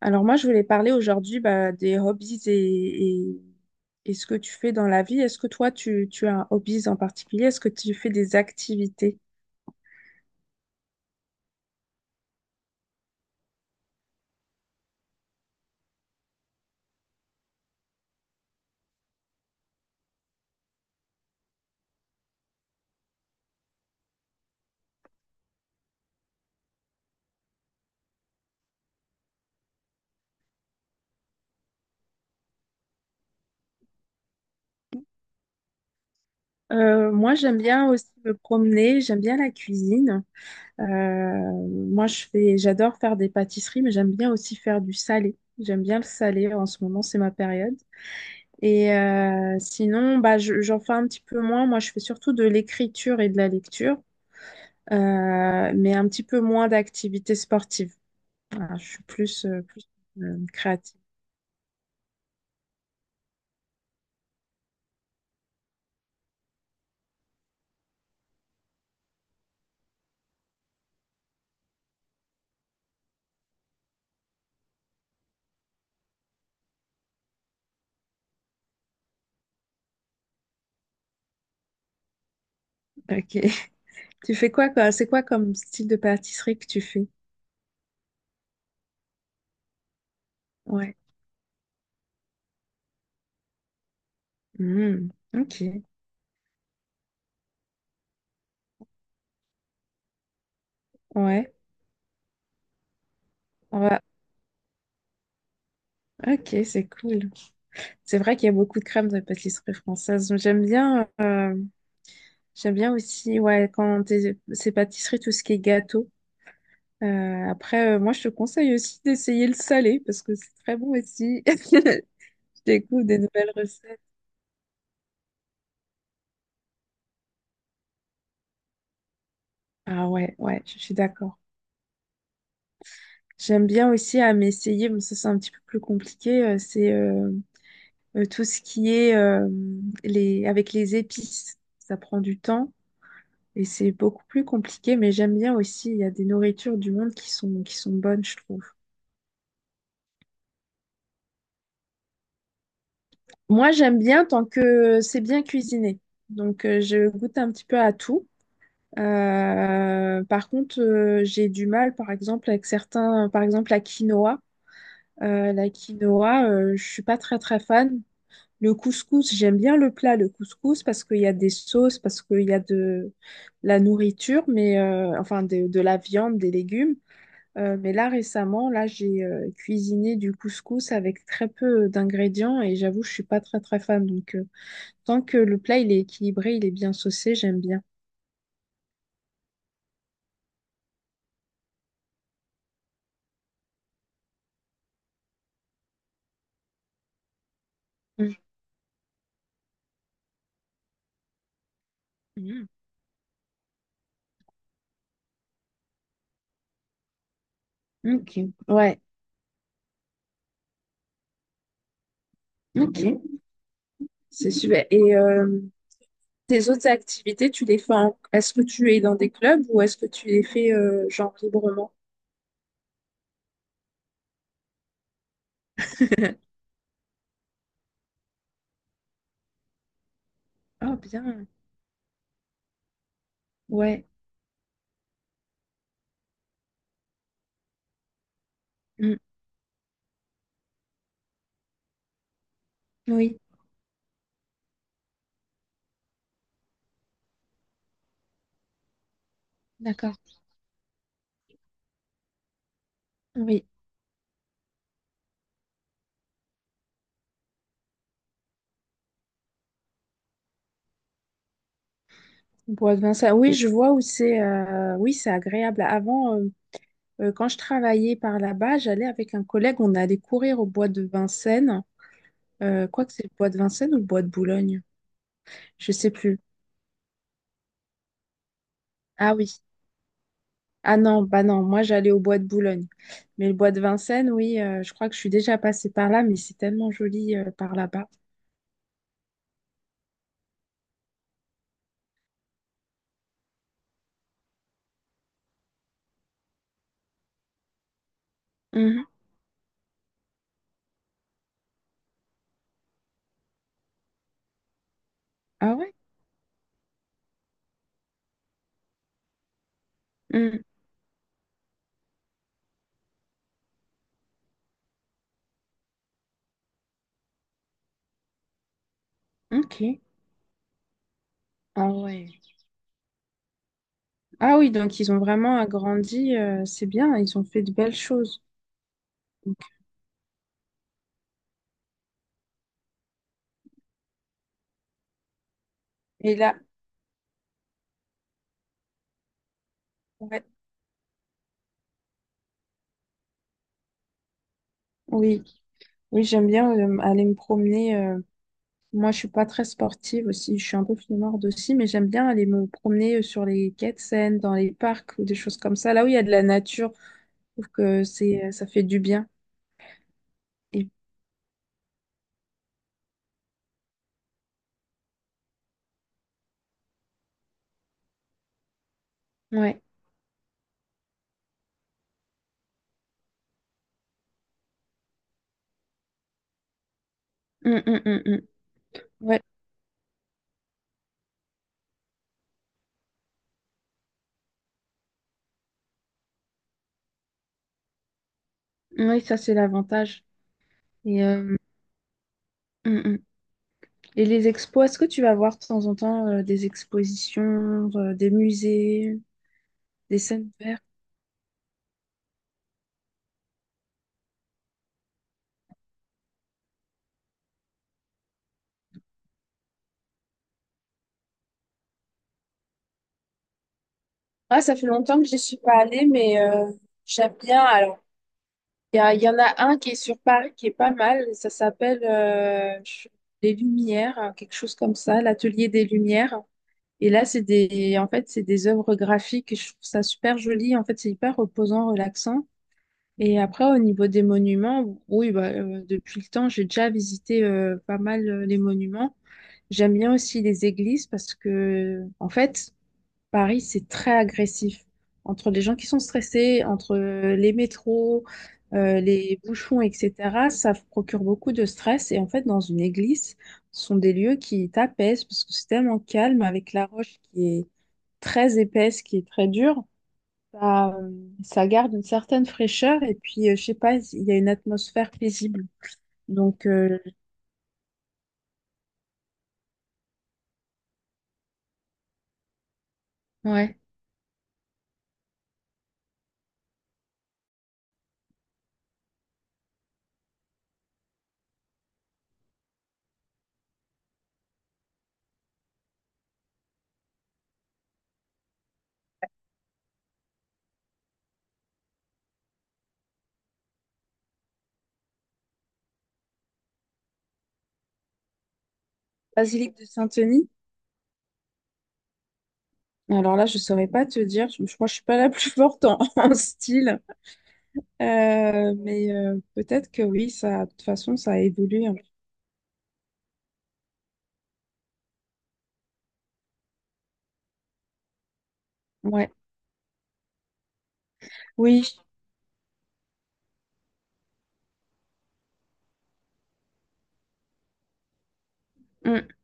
Alors moi, je voulais parler aujourd'hui, des hobbies et ce que tu fais dans la vie. Est-ce que toi, tu as un hobby en particulier? Est-ce que tu fais des activités? Moi, j'aime bien aussi me promener, j'aime bien la cuisine. Euh, Moi, j'adore faire des pâtisseries, mais j'aime bien aussi faire du salé. J'aime bien le salé. En ce moment, c'est ma période. Et sinon, j'en fais un petit peu moins. Moi, je fais surtout de l'écriture et de la lecture, mais un petit peu moins d'activités sportives. Voilà, je suis plus, plus créative. Ok. Tu fais quoi, quoi? C'est quoi comme style de pâtisserie que tu fais? Ouais. Hmm. Ok. Ouais. Ouais. Ok, c'est cool. C'est vrai qu'il y a beaucoup de crèmes de pâtisserie française. J'aime bien aussi, ouais, c'est pâtisserie, tout ce qui est gâteau. Après, moi, je te conseille aussi d'essayer le salé parce que c'est très bon aussi. Je découvre des nouvelles recettes. Ah ouais, ouais, je suis d'accord. J'aime bien aussi à m'essayer, mais ça, c'est un petit peu plus compliqué. C'est Tout ce qui est les, avec les épices. Ça prend du temps. Et c'est beaucoup plus compliqué, mais j'aime bien aussi. Il y a des nourritures du monde qui sont bonnes, je trouve. Moi, j'aime bien tant que c'est bien cuisiné. Donc, je goûte un petit peu à tout. Par contre, j'ai du mal, par exemple, avec certains, par exemple, la quinoa. La quinoa, je suis pas très, très fan. Le couscous, j'aime bien le plat, le couscous, parce qu'il y a des sauces, parce qu'il y a de la nourriture, mais enfin de la viande, des légumes. Mais là, récemment, là, j'ai cuisiné du couscous avec très peu d'ingrédients et j'avoue, je suis pas très très fan. Donc, tant que le plat il est équilibré, il est bien saucé, j'aime bien. Mm. Mhm. Ok, ouais, ok, c'est super. Et tes autres activités, tu les fais en... Est-ce que tu es dans des clubs ou est-ce que tu les fais genre librement? Oh, bien. Ouais. Mm. Oui, d'accord. Oui, bois de vin, ça. Oui, je vois où c'est. Oui, c'est agréable. Avant, quand je travaillais par là-bas, j'allais avec un collègue, on allait courir au bois de Vincennes. Quoi que c'est le bois de Vincennes ou le bois de Boulogne? Je sais plus. Ah oui. Ah non, bah non, moi j'allais au bois de Boulogne. Mais le bois de Vincennes, oui, je crois que je suis déjà passée par là, mais c'est tellement joli par là-bas. Mhm. Ah ouais? Mhm. Ok. Ah ouais. Ah oui, donc ils ont vraiment agrandi, c'est bien, ils ont fait de belles choses. Et là, ouais. Oui, oui, j'aime bien aller me promener. Moi, je suis pas très sportive aussi. Je suis un peu flemmarde aussi, mais j'aime bien aller me promener sur les quais de Seine, dans les parcs ou des choses comme ça. Là où il y a de la nature, je trouve que ça fait du bien. Et ouais, hum, hum. Ouais, oui, ça c'est l'avantage. Et, hum. Et les expos, est-ce que tu vas voir de temps en temps des expositions, des musées, des scènes vertes? Ah, ça fait longtemps que j'y suis pas allée, mais j'aime bien. Alors. Il y en a un qui est sur Paris qui est pas mal. Ça s'appelle Les Lumières, quelque chose comme ça, l'Atelier des Lumières. Et là, c'est des, en fait, c'est des œuvres graphiques. Je trouve ça super joli. En fait, c'est hyper reposant, relaxant. Et après, au niveau des monuments, oui, bah, depuis le temps, j'ai déjà visité pas mal les monuments. J'aime bien aussi les églises parce que, en fait, Paris, c'est très agressif. Entre les gens qui sont stressés, entre les métros, les bouchons, etc., ça procure beaucoup de stress. Et en fait, dans une église, ce sont des lieux qui t'apaisent parce que c'est tellement calme avec la roche qui est très épaisse, qui est très dure. Ça, euh, Ça garde une certaine fraîcheur et puis, je sais pas, il y a une atmosphère paisible. Donc, ouais. Basilique de Saint-Denis. Alors là, je saurais pas te dire. Je crois que je suis pas la plus forte en en style. Mais peut-être que oui, ça, de toute façon, ça a évolué, hein. Ouais. Oui, mm,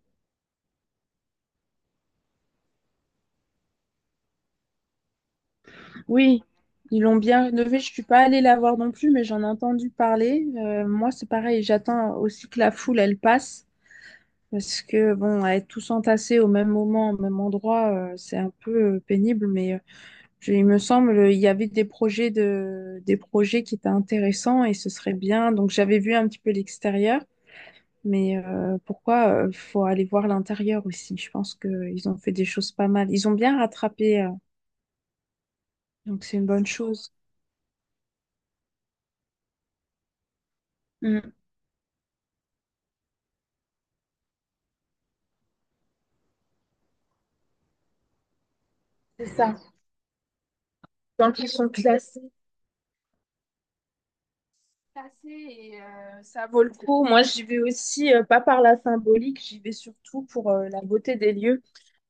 oui, ils l'ont bien rénové. Je suis pas allée la voir non plus, mais j'en ai entendu parler. Moi, c'est pareil, j'attends aussi que la foule, elle passe. Parce que, bon, être tous entassés au même moment, au même endroit, c'est un peu pénible. Mais il me semble, il y avait des projets qui étaient intéressants et ce serait bien. Donc, j'avais vu un petit peu l'extérieur. Mais pourquoi faut aller voir l'intérieur aussi? Je pense qu'ils ont fait des choses pas mal. Ils ont bien rattrapé, donc c'est une bonne chose. Mm. Passer et ça vaut le coup. Moi, j'y vais aussi, pas par la symbolique, j'y vais surtout pour la beauté des lieux.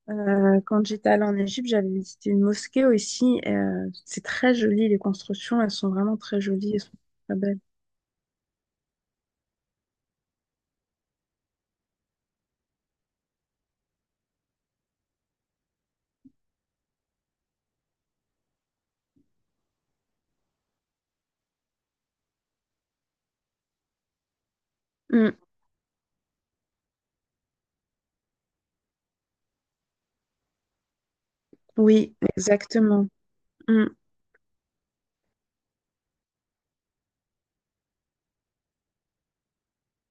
Quand j'étais allée en Égypte, j'avais visité une mosquée aussi. C'est très joli, les constructions, elles sont vraiment très jolies, elles sont très belles. Mm. Oui, exactement. Mm.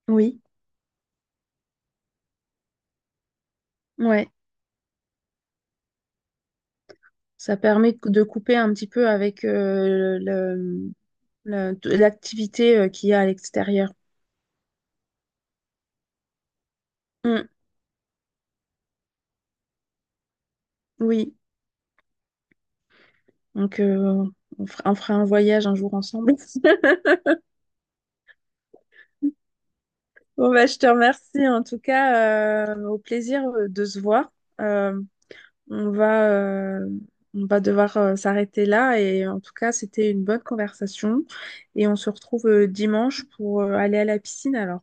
Oui, ouais. Ça permet de couper un petit peu avec l'activité qu'il y a à l'extérieur. Mm, oui, donc on fera un voyage un jour ensemble. Bon, bah, je te remercie en tout cas. Au plaisir de se voir. Euh, on va, euh, on va devoir s'arrêter là. Et en tout cas, c'était une bonne conversation. Et on se retrouve dimanche pour aller à la piscine alors.